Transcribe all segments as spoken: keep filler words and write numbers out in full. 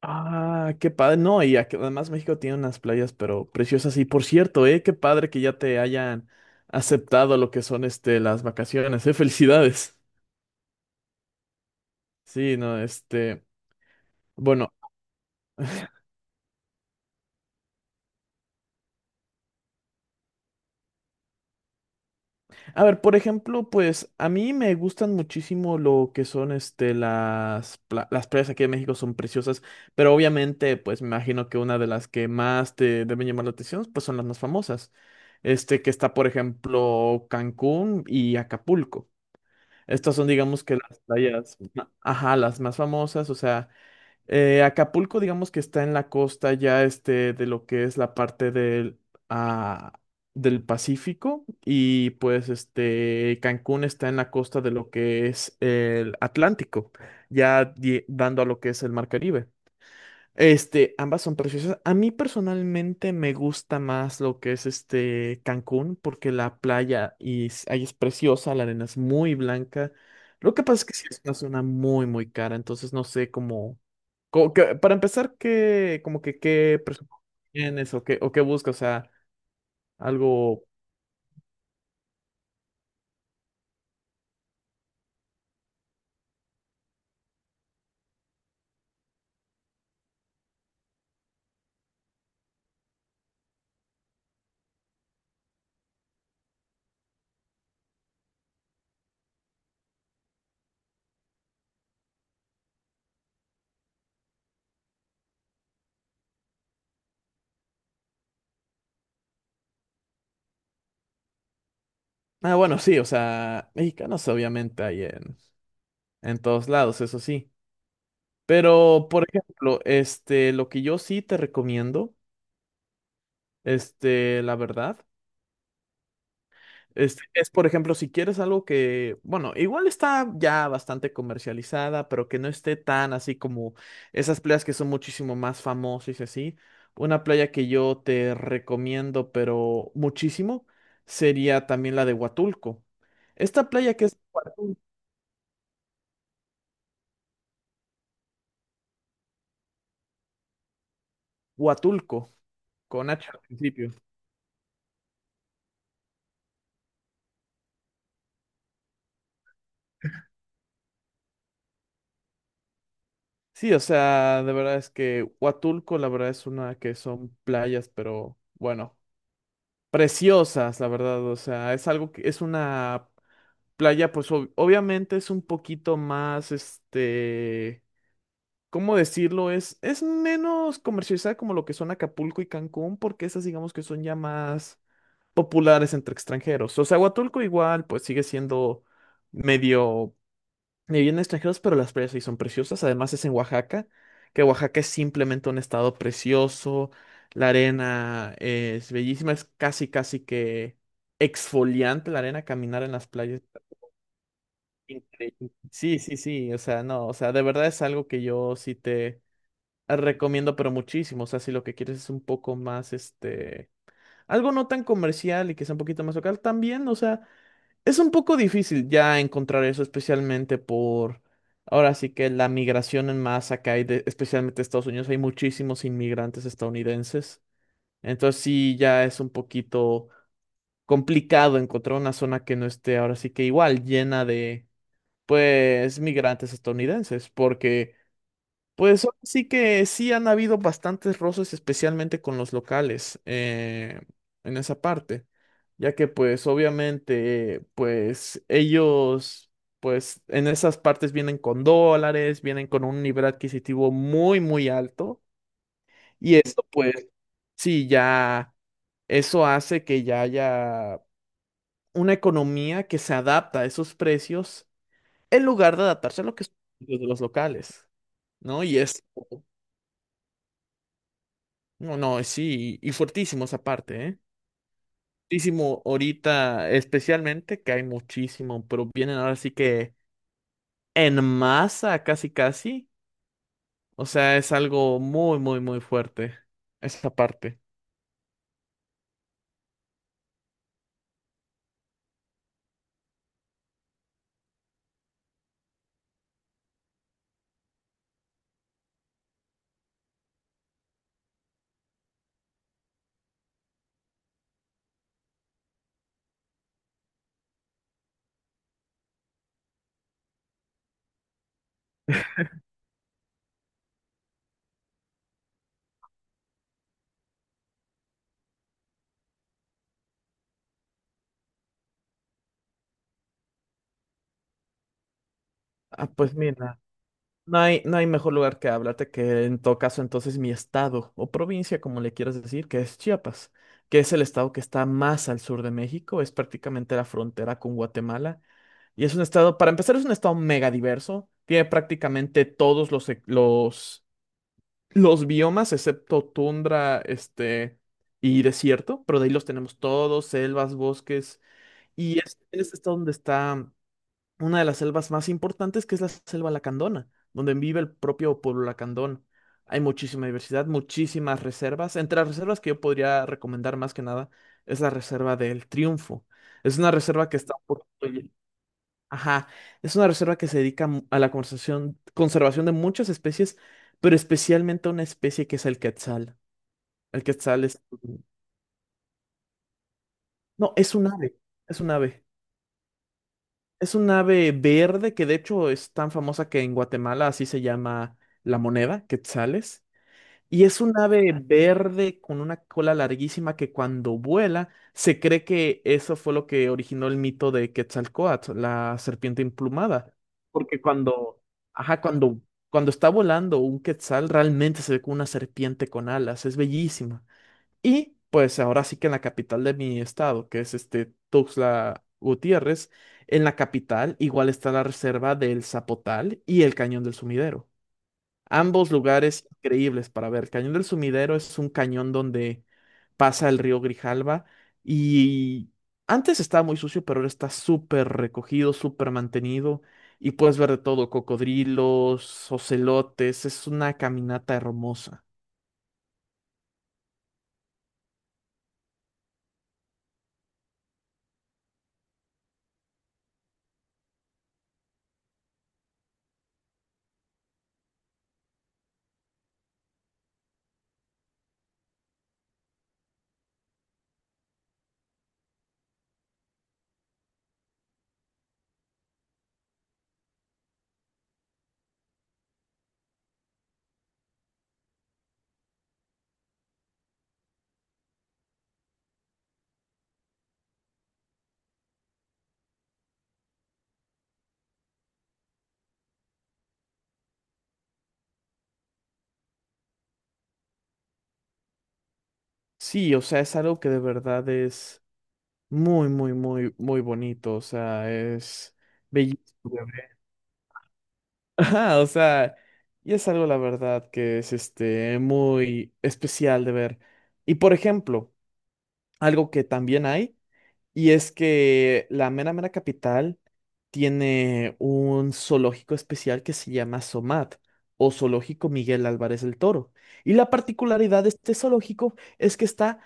Ah, qué padre. No, y ac- además México tiene unas playas, pero preciosas. Y por cierto, eh, qué padre que ya te hayan aceptado lo que son este las vacaciones, eh. Felicidades. Sí, no, este, bueno, a ver, por ejemplo, pues a mí me gustan muchísimo lo que son este las pla- las playas aquí de México son preciosas, pero obviamente, pues me imagino que una de las que más te deben llamar la atención, pues son las más famosas. Este, que está, por ejemplo, Cancún y Acapulco. Estas son, digamos que las playas, ma- ajá, las más famosas, o sea, eh, Acapulco, digamos que está en la costa ya este, de lo que es la parte del, ah, del Pacífico y pues este, Cancún está en la costa de lo que es el Atlántico, ya di- dando a lo que es el Mar Caribe. Este, ambas son preciosas. A mí personalmente me gusta más lo que es este Cancún, porque la playa y s- ahí es preciosa, la arena es muy blanca. Lo que pasa es que sí es una zona muy, muy cara, entonces no sé cómo, co- que- para empezar, qué, como que qué presupuesto tienes o qué, o qué buscas, o sea, algo. Ah, bueno, sí, o sea, mexicanos obviamente hay en, en todos lados, eso sí. Pero, por ejemplo, este, lo que yo sí te recomiendo. Este, la verdad. Este, es, por ejemplo, si quieres algo que, bueno, igual está ya bastante comercializada, pero que no esté tan así como esas playas que son muchísimo más famosas y así. Una playa que yo te recomiendo, pero muchísimo, sería también la de Huatulco. Esta playa que es Huatul- Huatulco, con H al principio. Sí, o sea, de verdad es que Huatulco, la verdad es una que son playas, pero bueno, preciosas, la verdad. O sea, es algo que es una. Playa, pues ob- obviamente es un poquito más, este, ¿cómo decirlo? Es, es menos comercializada como lo que son Acapulco y Cancún, porque esas digamos que son ya más populares entre extranjeros. O sea, Huatulco igual, pues sigue siendo medio, medio lleno de extranjeros, pero las playas sí son preciosas. Además es en Oaxaca, que Oaxaca es simplemente un estado precioso. La arena es bellísima, es casi, casi que exfoliante la arena, caminar en las playas increíble. Sí, sí, sí, o sea, no, o sea, de verdad es algo que yo sí te recomiendo, pero muchísimo, o sea, si lo que quieres es un poco más, este, algo no tan comercial y que sea un poquito más local, también, o sea, es un poco difícil ya encontrar eso, especialmente por, ahora sí que la migración en masa que hay, de, especialmente de Estados Unidos, hay muchísimos inmigrantes estadounidenses, entonces sí, ya es un poquito complicado encontrar una zona que no esté ahora sí que igual llena de pues migrantes estadounidenses, porque pues ahora sí que sí han habido bastantes roces, especialmente con los locales eh, en esa parte, ya que pues obviamente pues ellos pues en esas partes vienen con dólares, vienen con un nivel adquisitivo muy muy alto y esto pues sí ya eso hace que ya haya una economía que se adapta a esos precios en lugar de adaptarse a lo que son los precios de los locales. ¿No? Y es, no, no, sí, y fuertísimos aparte, ¿eh? Fuertísimo ahorita, especialmente, que hay muchísimo, pero vienen ahora sí que en masa, casi, casi. O sea, es algo muy, muy, muy fuerte, esa parte. Ah, pues mira. No hay, no hay mejor lugar que hablarte que en todo caso entonces mi estado o provincia, como le quieras decir, que es Chiapas, que es el estado que está más al sur de México, es prácticamente la frontera con Guatemala y es un estado, para empezar, es un estado mega diverso, tiene prácticamente todos los, e- los, los biomas excepto tundra, este, y desierto, pero de ahí los tenemos todos, selvas, bosques y es, es el estado donde está una de las selvas más importantes, que es la selva lacandona, donde vive el propio pueblo lacandón. Hay muchísima diversidad, muchísimas reservas. Entre las reservas que yo podría recomendar más que nada es la reserva del Triunfo. Es una reserva que está por... Ajá, es una reserva que se dedica mu- a la conservación, conservación de muchas especies, pero especialmente a una especie que es el quetzal. El quetzal es... No, es un ave, es un ave. Es un ave verde que de hecho es tan famosa que en Guatemala así se llama la moneda, quetzales. Y es un ave verde con una cola larguísima que cuando vuela se cree que eso fue lo que originó el mito de Quetzalcóatl, la serpiente emplumada. Porque cuando, ajá, cuando, cuando está volando un quetzal realmente se ve como una serpiente con alas. Es bellísima. Y pues ahora sí que en la capital de mi estado, que es este Tuxtla Gutiérrez, en la capital igual está la reserva del Zapotal y el Cañón del Sumidero. Ambos lugares increíbles para ver. El Cañón del Sumidero es un cañón donde pasa el río Grijalva y antes estaba muy sucio, pero ahora está súper recogido, súper mantenido y puedes ver de todo, cocodrilos, ocelotes, es una caminata hermosa. Sí, o sea, es algo que de verdad es muy, muy, muy, muy bonito. O sea, es bellísimo de ver. Ajá, o sea, y es algo, la verdad, que es este muy especial de ver. Y por ejemplo, algo que también hay, y es que la mera mera capital tiene un zoológico especial que se llama SOMAT, o Zoológico Miguel Álvarez del Toro. Y la particularidad de este zoológico es que está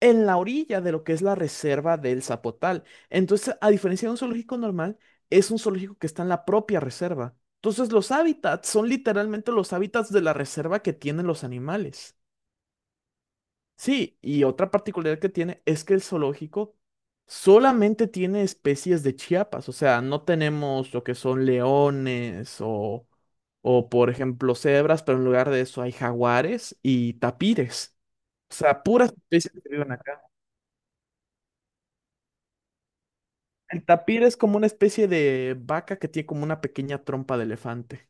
en la orilla de lo que es la reserva del Zapotal. Entonces, a diferencia de un zoológico normal, es un zoológico que está en la propia reserva. Entonces, los hábitats son literalmente los hábitats de la reserva que tienen los animales. Sí, y otra particularidad que tiene es que el zoológico solamente tiene especies de Chiapas, o sea, no tenemos lo que son leones o, o por ejemplo, cebras, pero en lugar de eso hay jaguares y tapires, o sea, puras especies que viven acá. El tapir es como una especie de vaca que tiene como una pequeña trompa de elefante.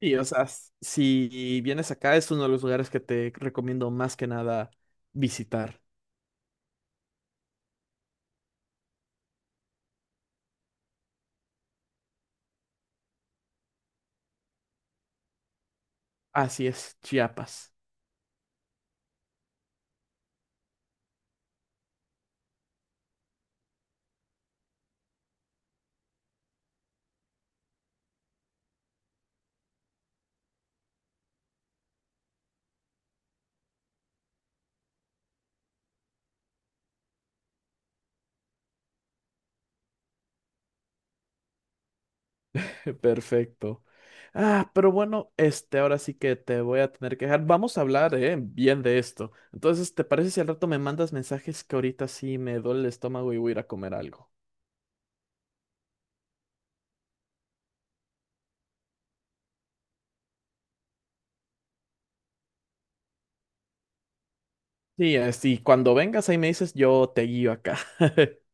Y, o sea, s- si vienes acá, es uno de los lugares que te recomiendo más que nada visitar. Así es, Chiapas. Perfecto. Ah, pero bueno, este, ahora sí que te voy a tener que dejar. Vamos a hablar, eh, bien de esto. Entonces, ¿te parece si al rato me mandas mensajes que ahorita sí me duele el estómago y voy a ir a comer algo? Sí, así, cuando vengas ahí me dices, yo te guío acá.